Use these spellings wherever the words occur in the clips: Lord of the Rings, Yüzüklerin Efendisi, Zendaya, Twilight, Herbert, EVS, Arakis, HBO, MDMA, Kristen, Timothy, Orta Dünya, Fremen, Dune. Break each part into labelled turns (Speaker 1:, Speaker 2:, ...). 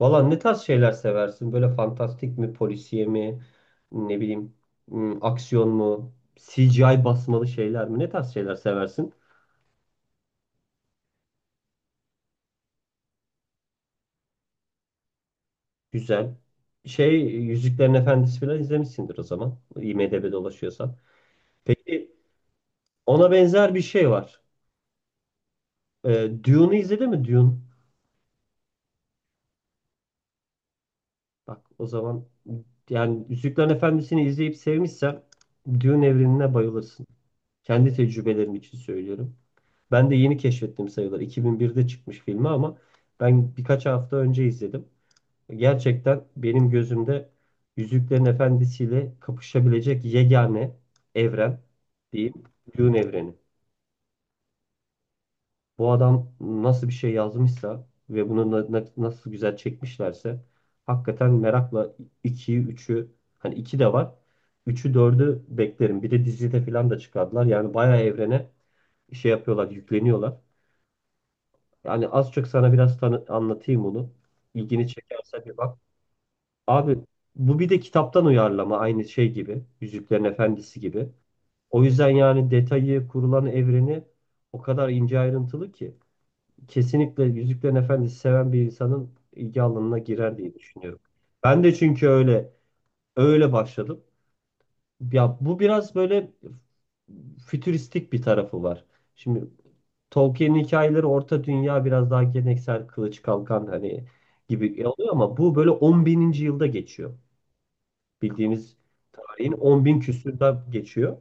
Speaker 1: Valla ne tarz şeyler seversin? Böyle fantastik mi, polisiye mi, ne bileyim, aksiyon mu, CGI basmalı şeyler mi? Ne tarz şeyler seversin? Güzel. Şey, Yüzüklerin Efendisi falan izlemişsindir o zaman. IMDb'de dolaşıyorsan. Peki, ona benzer bir şey var. Dune'u izledin mi? Dune. Bak o zaman yani Yüzüklerin Efendisi'ni izleyip sevmişsen Dune evrenine bayılırsın. Kendi tecrübelerim için söylüyorum. Ben de yeni keşfettim sayılır. 2001'de çıkmış filmi ama ben birkaç hafta önce izledim. Gerçekten benim gözümde Yüzüklerin Efendisi'yle kapışabilecek yegane evren diyeyim, Dune evreni. Bu adam nasıl bir şey yazmışsa ve bunu nasıl güzel çekmişlerse hakikaten merakla 2'yi üçü hani 2 de var. Üçü dördü beklerim. Bir de dizide falan da çıkardılar. Yani bayağı evrene şey yapıyorlar, yükleniyorlar. Yani az çok sana biraz tanı anlatayım onu. İlgini çekerse bir bak. Abi bu bir de kitaptan uyarlama aynı şey gibi. Yüzüklerin Efendisi gibi. O yüzden yani detayı, kurulan evreni o kadar ince ayrıntılı ki. Kesinlikle Yüzüklerin Efendisi seven bir insanın ilgi alanına girer diye düşünüyorum. Ben de çünkü öyle başladım. Ya bu biraz böyle fütüristik bir tarafı var. Şimdi Tolkien'in hikayeleri Orta Dünya biraz daha geleneksel kılıç kalkan hani gibi oluyor ama bu böyle 10 bininci yılda geçiyor. Bildiğimiz tarihin 10 bin küsürde geçiyor.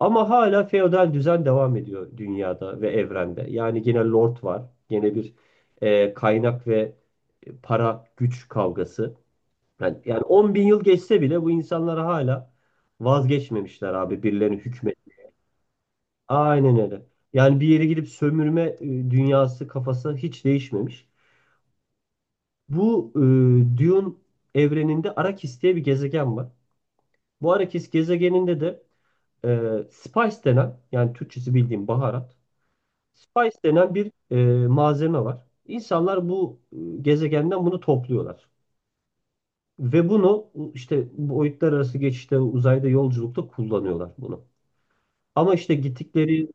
Speaker 1: Ama hala feodal düzen devam ediyor dünyada ve evrende. Yani gene lord var. Gene bir kaynak ve para güç kavgası. Yani 10 bin yıl geçse bile bu insanlar hala vazgeçmemişler abi birilerinin hükmü. Aynen öyle. Yani bir yere gidip sömürme dünyası kafası hiç değişmemiş. Bu Dune evreninde Arakis diye bir gezegen var. Bu Arakis gezegeninde de e, spice denen yani Türkçesi bildiğim baharat. Spice denen bir malzeme var. İnsanlar bu gezegenden bunu topluyorlar. Ve bunu işte boyutlar arası geçişte uzayda yolculukta kullanıyorlar bunu. Ama işte gittikleri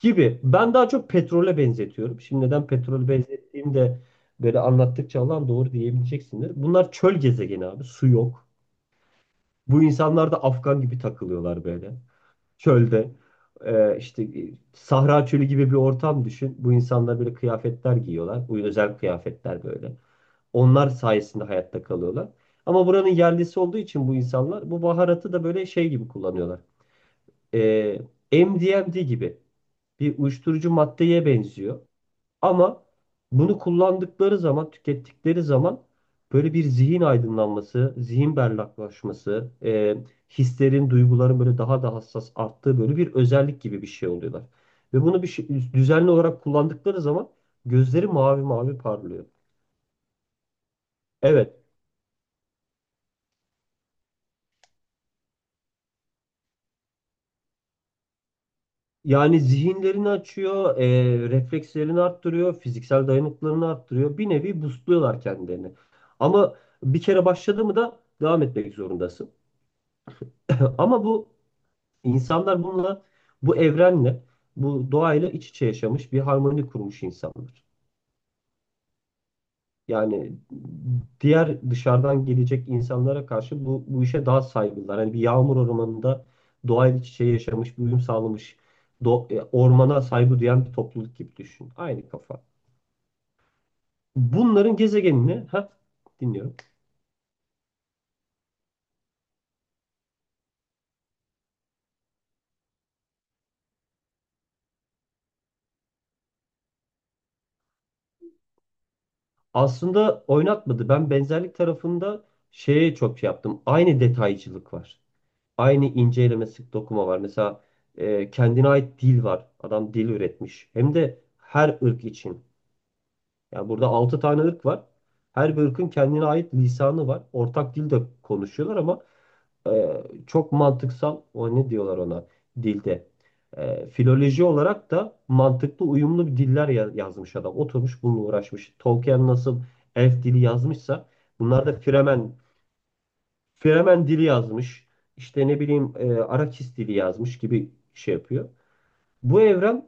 Speaker 1: gibi. Ben daha çok petrole benzetiyorum. Şimdi neden petrol benzettiğimde böyle anlattıkça alan doğru diyebileceksindir. Bunlar çöl gezegeni abi. Su yok. Bu insanlar da Afgan gibi takılıyorlar böyle. Çölde. İşte Sahra çölü gibi bir ortam düşün. Bu insanlar böyle kıyafetler giyiyorlar. Bu özel kıyafetler böyle. Onlar sayesinde hayatta kalıyorlar. Ama buranın yerlisi olduğu için bu insanlar bu baharatı da böyle şey gibi kullanıyorlar. Ee, MDMA gibi bir uyuşturucu maddeye benziyor. Ama bunu kullandıkları zaman, tükettikleri zaman böyle bir zihin aydınlanması, zihin berraklaşması, hislerin, duyguların böyle daha da hassas arttığı böyle bir özellik gibi bir şey oluyorlar. Ve bunu bir şey, düzenli olarak kullandıkları zaman gözleri mavi mavi parlıyor. Evet, yani zihinlerini açıyor, reflekslerini arttırıyor, fiziksel dayanıklılığını arttırıyor. Bir nevi boostluyorlar kendilerini. Ama bir kere başladı mı da devam etmek zorundasın. Ama bu İnsanlar bununla, bu evrenle, bu doğayla iç içe yaşamış bir harmoni kurmuş insanlar. Yani diğer dışarıdan gelecek insanlara karşı bu işe daha saygılılar. Hani bir yağmur ormanında doğayla iç içe yaşamış, bir uyum sağlamış, ormana saygı duyan bir topluluk gibi düşün. Aynı kafa. Bunların gezegenini, ha dinliyorum. Aslında oynatmadı. Ben benzerlik tarafında şeye çok şey yaptım. Aynı detaycılık var. Aynı ince eleme sık dokuma var. Mesela kendine ait dil var. Adam dil üretmiş. Hem de her ırk için. Yani burada 6 tane ırk var. Her bir ırkın kendine ait lisanı var. Ortak dil de konuşuyorlar ama çok mantıksal. O ne diyorlar ona dilde. Filoloji olarak da mantıklı uyumlu bir diller yazmış adam. Oturmuş bununla uğraşmış. Tolkien nasıl elf dili yazmışsa bunlar da Fremen dili yazmış. İşte ne bileyim Arakis dili yazmış gibi şey yapıyor. Bu evren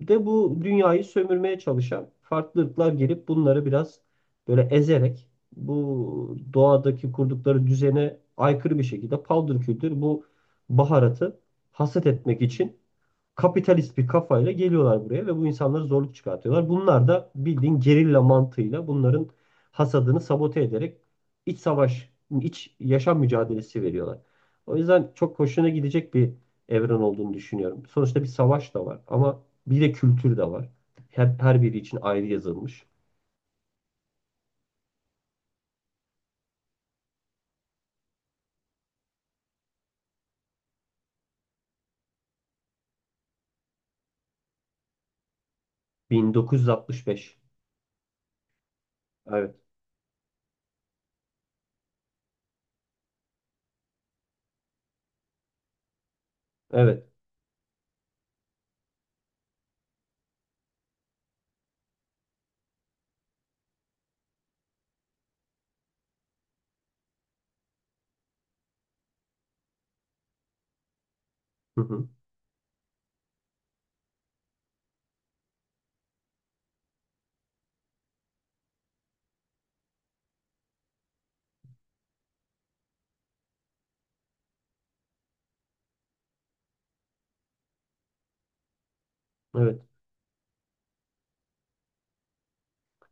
Speaker 1: de bu dünyayı sömürmeye çalışan farklı ırklar gelip bunları biraz böyle ezerek bu doğadaki kurdukları düzene aykırı bir şekilde paldır küldür bu baharatı hasat etmek için kapitalist bir kafayla geliyorlar buraya ve bu insanlara zorluk çıkartıyorlar. Bunlar da bildiğin gerilla mantığıyla bunların hasadını sabote ederek iç savaş, iç yaşam mücadelesi veriyorlar. O yüzden çok hoşuna gidecek bir evren olduğunu düşünüyorum. Sonuçta bir savaş da var ama bir de kültür de var. Her biri için ayrı yazılmış. 1965. Evet. Evet. Hı hı. Evet.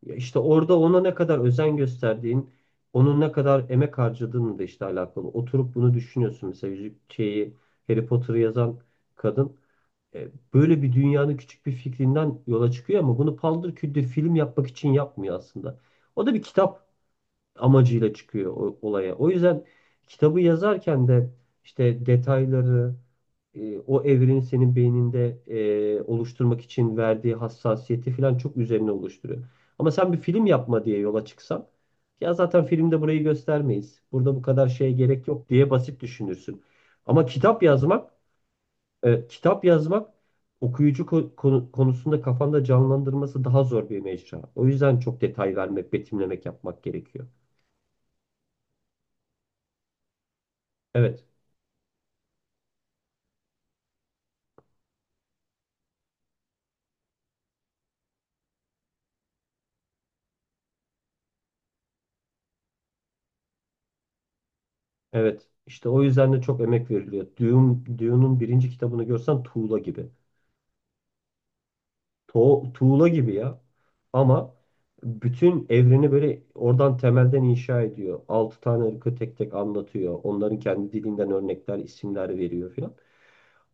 Speaker 1: Ya İşte orada ona ne kadar özen gösterdiğin, onun ne kadar emek harcadığınla da işte alakalı. Oturup bunu düşünüyorsun. Mesela yüzük şeyi Harry Potter'ı yazan kadın e, böyle bir dünyanın küçük bir fikrinden yola çıkıyor ama bunu paldır küldür film yapmak için yapmıyor aslında. O da bir kitap amacıyla çıkıyor olaya. O yüzden kitabı yazarken de işte detayları, o evrenin senin beyninde oluşturmak için verdiği hassasiyeti falan çok üzerine oluşturuyor. Ama sen bir film yapma diye yola çıksan, ya zaten filmde burayı göstermeyiz. Burada bu kadar şeye gerek yok diye basit düşünürsün. Ama kitap yazmak, kitap yazmak okuyucu konusunda kafanda canlandırması daha zor bir mecra. O yüzden çok detay vermek, betimlemek yapmak gerekiyor. Evet. Evet, işte o yüzden de çok emek veriliyor. Dune'un birinci kitabını görsen tuğla gibi. Tuğla gibi ya. Ama bütün evreni böyle oradan temelden inşa ediyor. Altı tane ırkı tek tek anlatıyor. Onların kendi dilinden örnekler, isimler veriyor filan.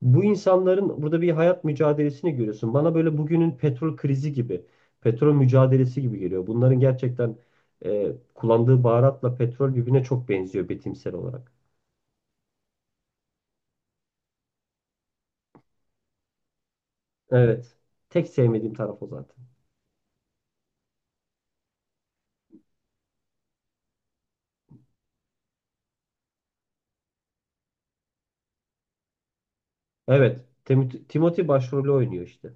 Speaker 1: Bu insanların burada bir hayat mücadelesini görüyorsun. Bana böyle bugünün petrol krizi gibi, petrol mücadelesi gibi geliyor. Bunların gerçekten kullandığı baharatla petrol birbirine çok benziyor betimsel olarak. Evet. Tek sevmediğim taraf o zaten. Evet. Timothy başrolü oynuyor işte.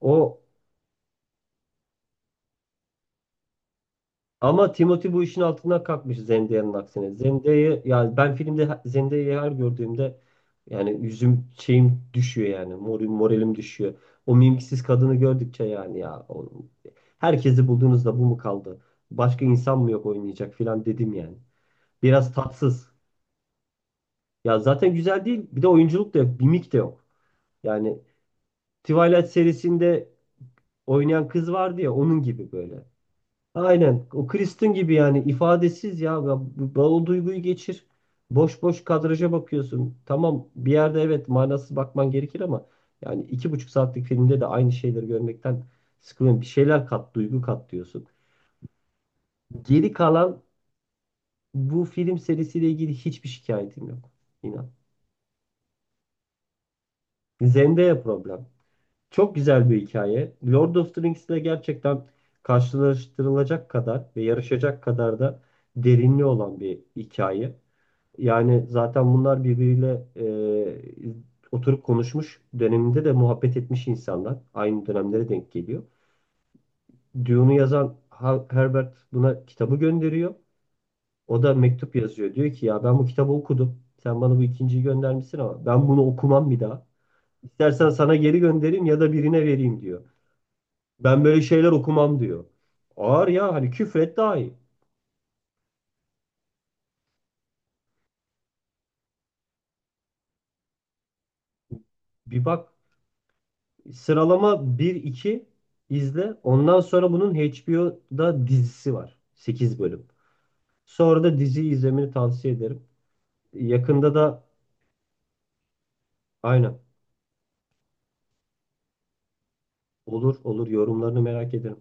Speaker 1: O ama Timothy bu işin altından kalkmış Zendaya'nın aksine. Zendaya yani ben filmde Zendaya'yı her gördüğümde yani yüzüm şeyim düşüyor yani. Moralim düşüyor. O mimsiz kadını gördükçe yani ya o, herkesi bulduğunuzda bu mu kaldı? Başka insan mı yok oynayacak filan dedim yani. Biraz tatsız. Ya zaten güzel değil. Bir de oyunculuk da yok. Mimik de yok. Yani Twilight serisinde oynayan kız vardı ya onun gibi böyle. Aynen o Kristen gibi yani ifadesiz ya. Ya o duyguyu geçir. Boş boş kadraja bakıyorsun. Tamam bir yerde evet manasız bakman gerekir ama yani 2,5 saatlik filmde de aynı şeyleri görmekten sıkılıyorum. Bir şeyler kat, duygu kat diyorsun. Geri kalan bu film serisiyle ilgili hiçbir şikayetim yok. İnan. Zendaya problem. Çok güzel bir hikaye. Lord of the Rings ile gerçekten karşılaştırılacak kadar ve yarışacak kadar da derinliği olan bir hikaye. Yani zaten bunlar birbiriyle oturup konuşmuş döneminde de muhabbet etmiş insanlar. Aynı dönemlere denk geliyor. Dune'u yazan Herbert buna kitabı gönderiyor. O da mektup yazıyor. Diyor ki ya ben bu kitabı okudum. Sen bana bu ikinciyi göndermişsin ama ben bunu okumam bir daha. İstersen sana geri göndereyim ya da birine vereyim diyor. Ben böyle şeyler okumam diyor. Ağır ya hani küfret daha iyi. Bir bak sıralama bir iki izle. Ondan sonra bunun HBO'da dizisi var. Sekiz bölüm. Sonra da diziyi izlemeni tavsiye ederim. Yakında da aynen olur olur yorumlarını merak ederim.